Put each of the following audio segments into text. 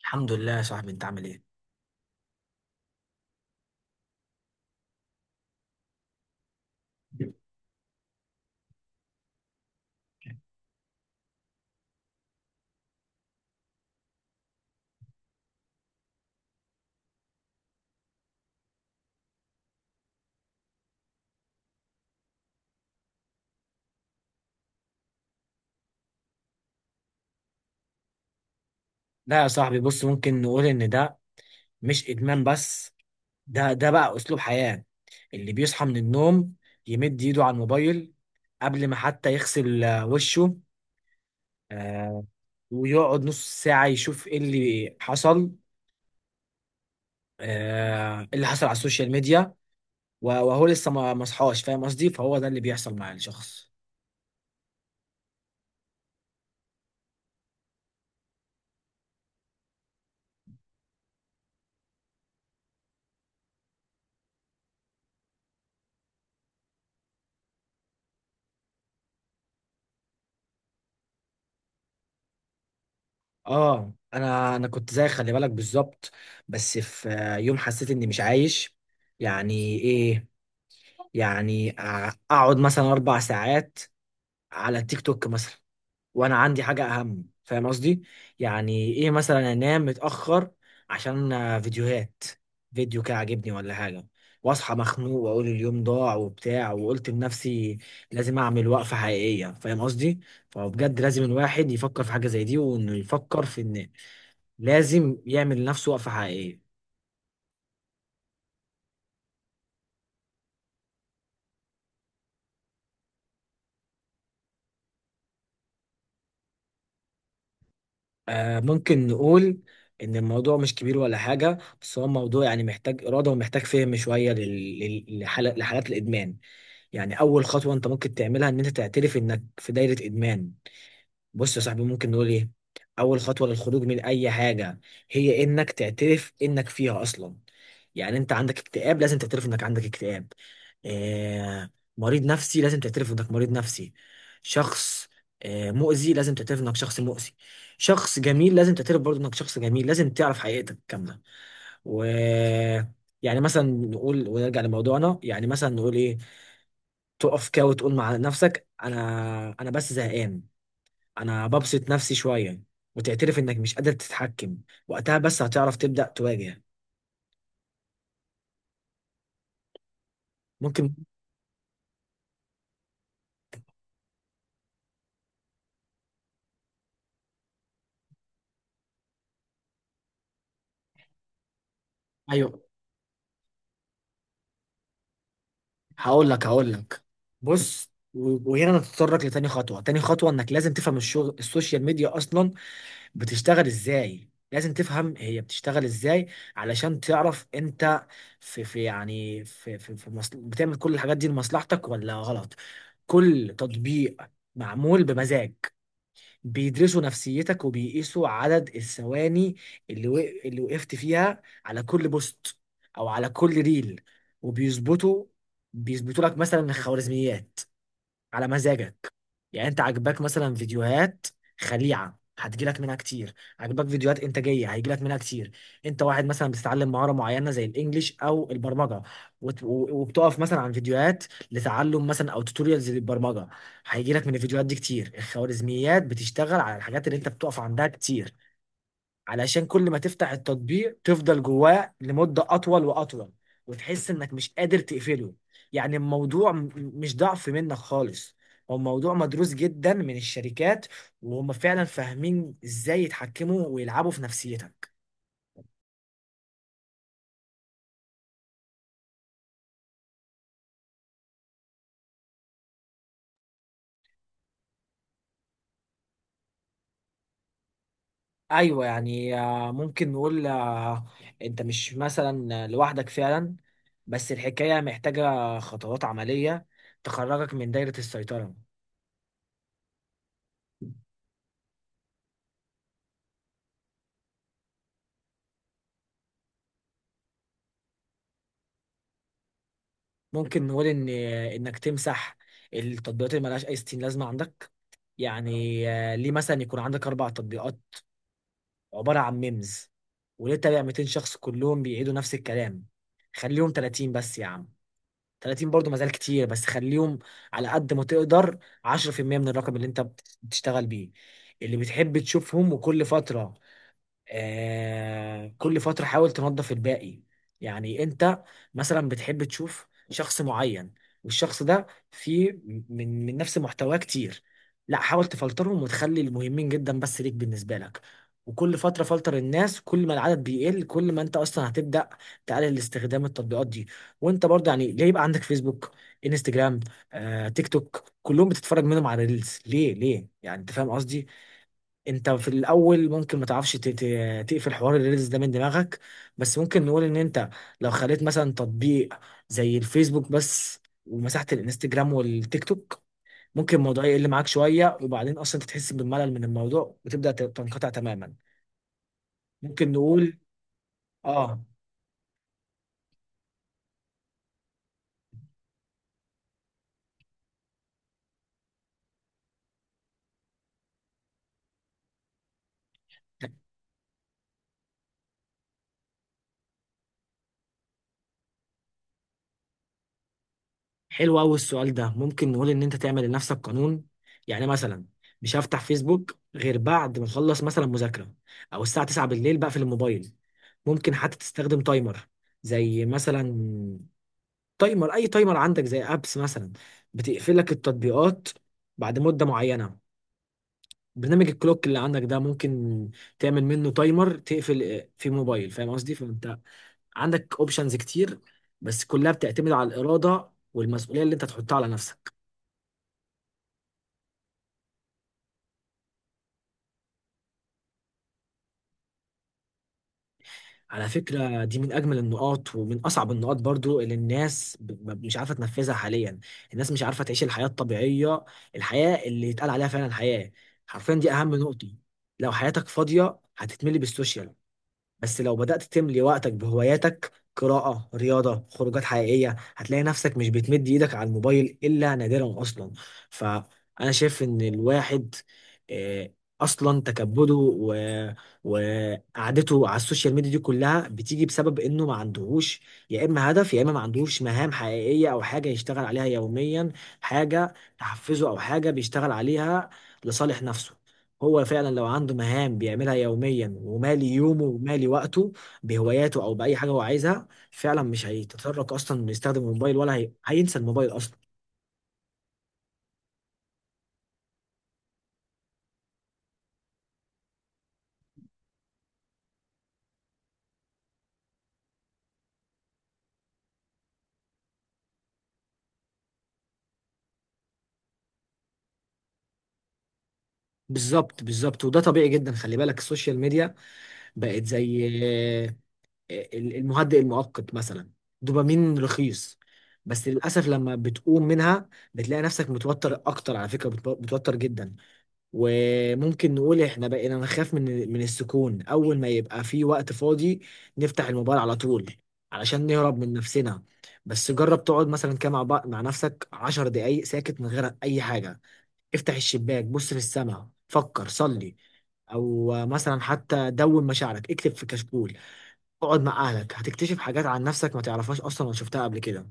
الحمد لله يا صاحبي، انت عامل ايه؟ لا يا صاحبي، بص، ممكن نقول ان ده مش ادمان بس. ده بقى اسلوب حياة. اللي بيصحى من النوم يمد ايده على الموبايل قبل ما حتى يغسل وشه. آه، ويقعد نص ساعة يشوف ايه اللي حصل. ايه اللي حصل على السوشيال ميديا. وهو لسه ما صحاش، فاهم قصدي؟ فهو ده اللي بيحصل مع الشخص. اه انا كنت زي خلي بالك بالظبط. بس في يوم حسيت اني مش عايش. يعني ايه؟ يعني اقعد مثلا 4 ساعات على التيك توك مثلا، وانا عندي حاجه اهم، فاهم قصدي؟ يعني ايه؟ مثلا انام متاخر عشان فيديوهات، فيديو كده عاجبني ولا حاجه، واصحى مخنوق واقول اليوم ضاع وبتاع. وقلت لنفسي لازم اعمل وقفه حقيقيه، فاهم قصدي؟ فبجد لازم الواحد يفكر في حاجه زي دي، وانه يفكر في ان لازم يعمل لنفسه وقفه حقيقيه. ممكن نقول إن الموضوع مش كبير ولا حاجة، بس هو موضوع يعني محتاج إرادة ومحتاج فهم شوية لحالات الإدمان. يعني أول خطوة أنت ممكن تعملها إن أنت تعترف إنك في دايرة إدمان. بص يا صاحبي، ممكن نقول ايه؟ اول خطوه للخروج من اي حاجه هي انك تعترف انك فيها اصلا. يعني انت عندك اكتئاب، لازم تعترف انك عندك اكتئاب. آه مريض نفسي، لازم تعترف انك مريض نفسي. شخص مؤذي، لازم تعترف انك شخص مؤذي. شخص جميل لازم تعترف برضه انك شخص جميل. لازم تعرف حقيقتك كامله. و يعني مثلا نقول، ونرجع لموضوعنا، يعني مثلا نقول ايه؟ تقف كده وتقول مع نفسك انا بس زهقان، انا ببسط نفسي شويه، وتعترف انك مش قادر تتحكم. وقتها بس هتعرف تبدا تواجه. ممكن. ايوه، هقول لك. بص، وهنا نتطرق لتاني خطوه. تاني خطوه انك لازم تفهم الشغل. السوشيال ميديا اصلا بتشتغل ازاي، لازم تفهم هي بتشتغل ازاي علشان تعرف انت في في يعني في في, في مصل... بتعمل كل الحاجات دي لمصلحتك ولا غلط. كل تطبيق معمول بمزاج، بيدرسوا نفسيتك وبيقيسوا عدد الثواني اللي وق... اللي وقفت فيها على كل بوست او على كل ريل، وبيظبطوا بيظبطوا لك مثلا الخوارزميات على مزاجك. يعني انت عاجباك مثلا فيديوهات خليعه، هتجيلك منها كتير. عاجباك فيديوهات انتاجيه، هيجيلك منها كتير. انت واحد مثلا بتتعلم مهاره معينه زي الانجليش او البرمجه، وبتقف مثلا عن فيديوهات لتعلم مثلا او توتوريالز للبرمجه، هيجيلك من الفيديوهات دي كتير. الخوارزميات بتشتغل على الحاجات اللي انت بتقف عندها كتير، علشان كل ما تفتح التطبيق تفضل جواه لمدة أطول وأطول، وتحس إنك مش قادر تقفله. يعني الموضوع مش ضعف منك خالص، هو موضوع مدروس جدا من الشركات، وهم فعلا فاهمين إزاي يتحكموا ويلعبوا في نفسيتك. أيوة، يعني ممكن نقول، أنت مش مثلا لوحدك فعلا. بس الحكاية محتاجة خطوات عملية تخرجك من دايرة السيطرة. ممكن نقول ان انك تمسح التطبيقات اللي ملهاش اي ستين لازمه عندك. يعني ليه مثلا يكون عندك اربع تطبيقات عباره عن ميمز؟ وليه تابع 200 شخص كلهم بيعيدوا نفس الكلام؟ خليهم 30 بس يا عم. 30 برضو مازال كتير، بس خليهم على قد ما تقدر 10% من الرقم اللي انت بتشتغل بيه، اللي بتحب تشوفهم. وكل فتره، كل فترة حاول تنظف الباقي. يعني انت مثلا بتحب تشوف شخص معين، والشخص ده فيه من نفس محتواه كتير، لا حاول تفلترهم وتخلي المهمين جدا بس ليك، بالنسبة لك. وكل فترة فلتر الناس. كل ما العدد بيقل، كل ما انت اصلا هتبدأ تقلل استخدام التطبيقات دي. وانت برضه، يعني ليه يبقى عندك فيسبوك، انستجرام، تيك توك؟ كلهم بتتفرج منهم على ريلز، ليه؟ ليه يعني، انت فاهم قصدي؟ انت في الاول ممكن ما تعرفش تقفل حوار الريلز ده من دماغك. بس ممكن نقول ان انت لو خليت مثلا تطبيق زي الفيسبوك بس، ومسحت الانستجرام والتيك توك، ممكن الموضوع يقل معاك شوية، وبعدين اصلا انت تحس بالملل من الموضوع وتبدأ تنقطع تماما. ممكن نقول. اه حلو قوي السؤال ده. ممكن نقول ان انت تعمل لنفسك قانون. يعني مثلا مش هفتح فيسبوك غير بعد ما اخلص مثلا مذاكرة، او الساعة 9 بالليل بقفل الموبايل. ممكن حتى تستخدم تايمر، زي مثلا تايمر، اي تايمر عندك زي ابس مثلا بتقفل لك التطبيقات بعد مدة معينة. برنامج الكلوك اللي عندك ده ممكن تعمل منه تايمر تقفل في موبايل، فاهم قصدي؟ فانت عندك اوبشنز كتير. بس كلها بتعتمد على الإرادة والمسؤولية اللي انت تحطها على نفسك. على فكرة، دي من أجمل النقاط ومن أصعب النقاط برضو، اللي الناس مش عارفة تنفذها حاليا. الناس مش عارفة تعيش الحياة الطبيعية، الحياة اللي يتقال عليها فعلا حياة. حرفيا دي أهم نقطة. لو حياتك فاضية هتتملي بالسوشيال، بس لو بدأت تملي وقتك بهواياتك، قراءة، رياضة، خروجات حقيقية، هتلاقي نفسك مش بتمد ايدك على الموبايل إلا نادرا أصلا. فأنا شايف إن الواحد، آه، أصلا تكبده وقعدته على السوشيال ميديا دي كلها بتيجي بسبب إنه ما عندهوش، يا إما هدف، يا إما ما عندهوش مهام حقيقية أو حاجة يشتغل عليها يوميا. حاجة تحفزه، أو حاجة بيشتغل عليها لصالح نفسه. هو فعلا لو عنده مهام بيعملها يوميا، ومالي يومه ومالي وقته بهواياته او باي حاجه هو عايزها فعلا، مش هيتطرق اصلا انه يستخدم الموبايل، ولا هينسى الموبايل اصلا. بالظبط، بالظبط، وده طبيعي جدا. خلي بالك السوشيال ميديا بقت زي المهدئ المؤقت مثلا. دوبامين رخيص. بس للاسف لما بتقوم منها بتلاقي نفسك متوتر اكتر، على فكره بتوتر جدا. وممكن نقول احنا بقينا نخاف من السكون. اول ما يبقى في وقت فاضي نفتح الموبايل على طول علشان نهرب من نفسنا. بس جرب تقعد مثلا كده مع مع نفسك 10 دقايق ساكت من غير اي حاجة. افتح الشباك، بص للسماء، فكر، صلي، او مثلا حتى دون مشاعرك، اكتب في كشكول، اقعد مع اهلك، هتكتشف حاجات عن نفسك ما تعرفهاش اصلا ولا شفتها قبل كده.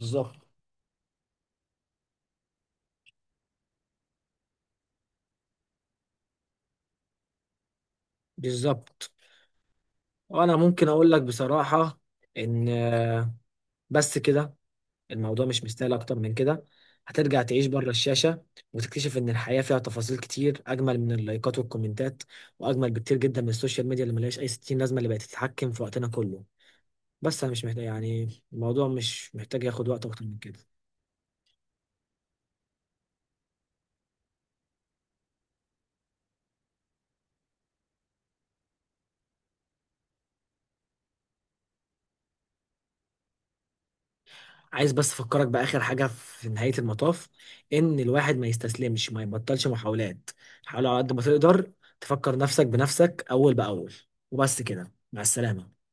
بالظبط، بالظبط. وانا ممكن اقول لك بصراحة ان بس كده، الموضوع مش مستاهل اكتر من كده. هترجع تعيش بره الشاشة، وتكتشف ان الحياة فيها تفاصيل كتير اجمل من اللايكات والكومنتات، واجمل بكتير جدا من السوشيال ميديا اللي ملهاش اي ستين لازمة، اللي بقت تتحكم في وقتنا كله. بس انا مش محتاج، يعني الموضوع مش محتاج ياخد وقت اكتر من كده. عايز بس افكرك باخر حاجة في نهاية المطاف، ان الواحد ما يستسلمش ما يبطلش محاولات. حاول على قد ما تقدر تفكر نفسك بنفسك اول باول. وبس كده، مع السلامة.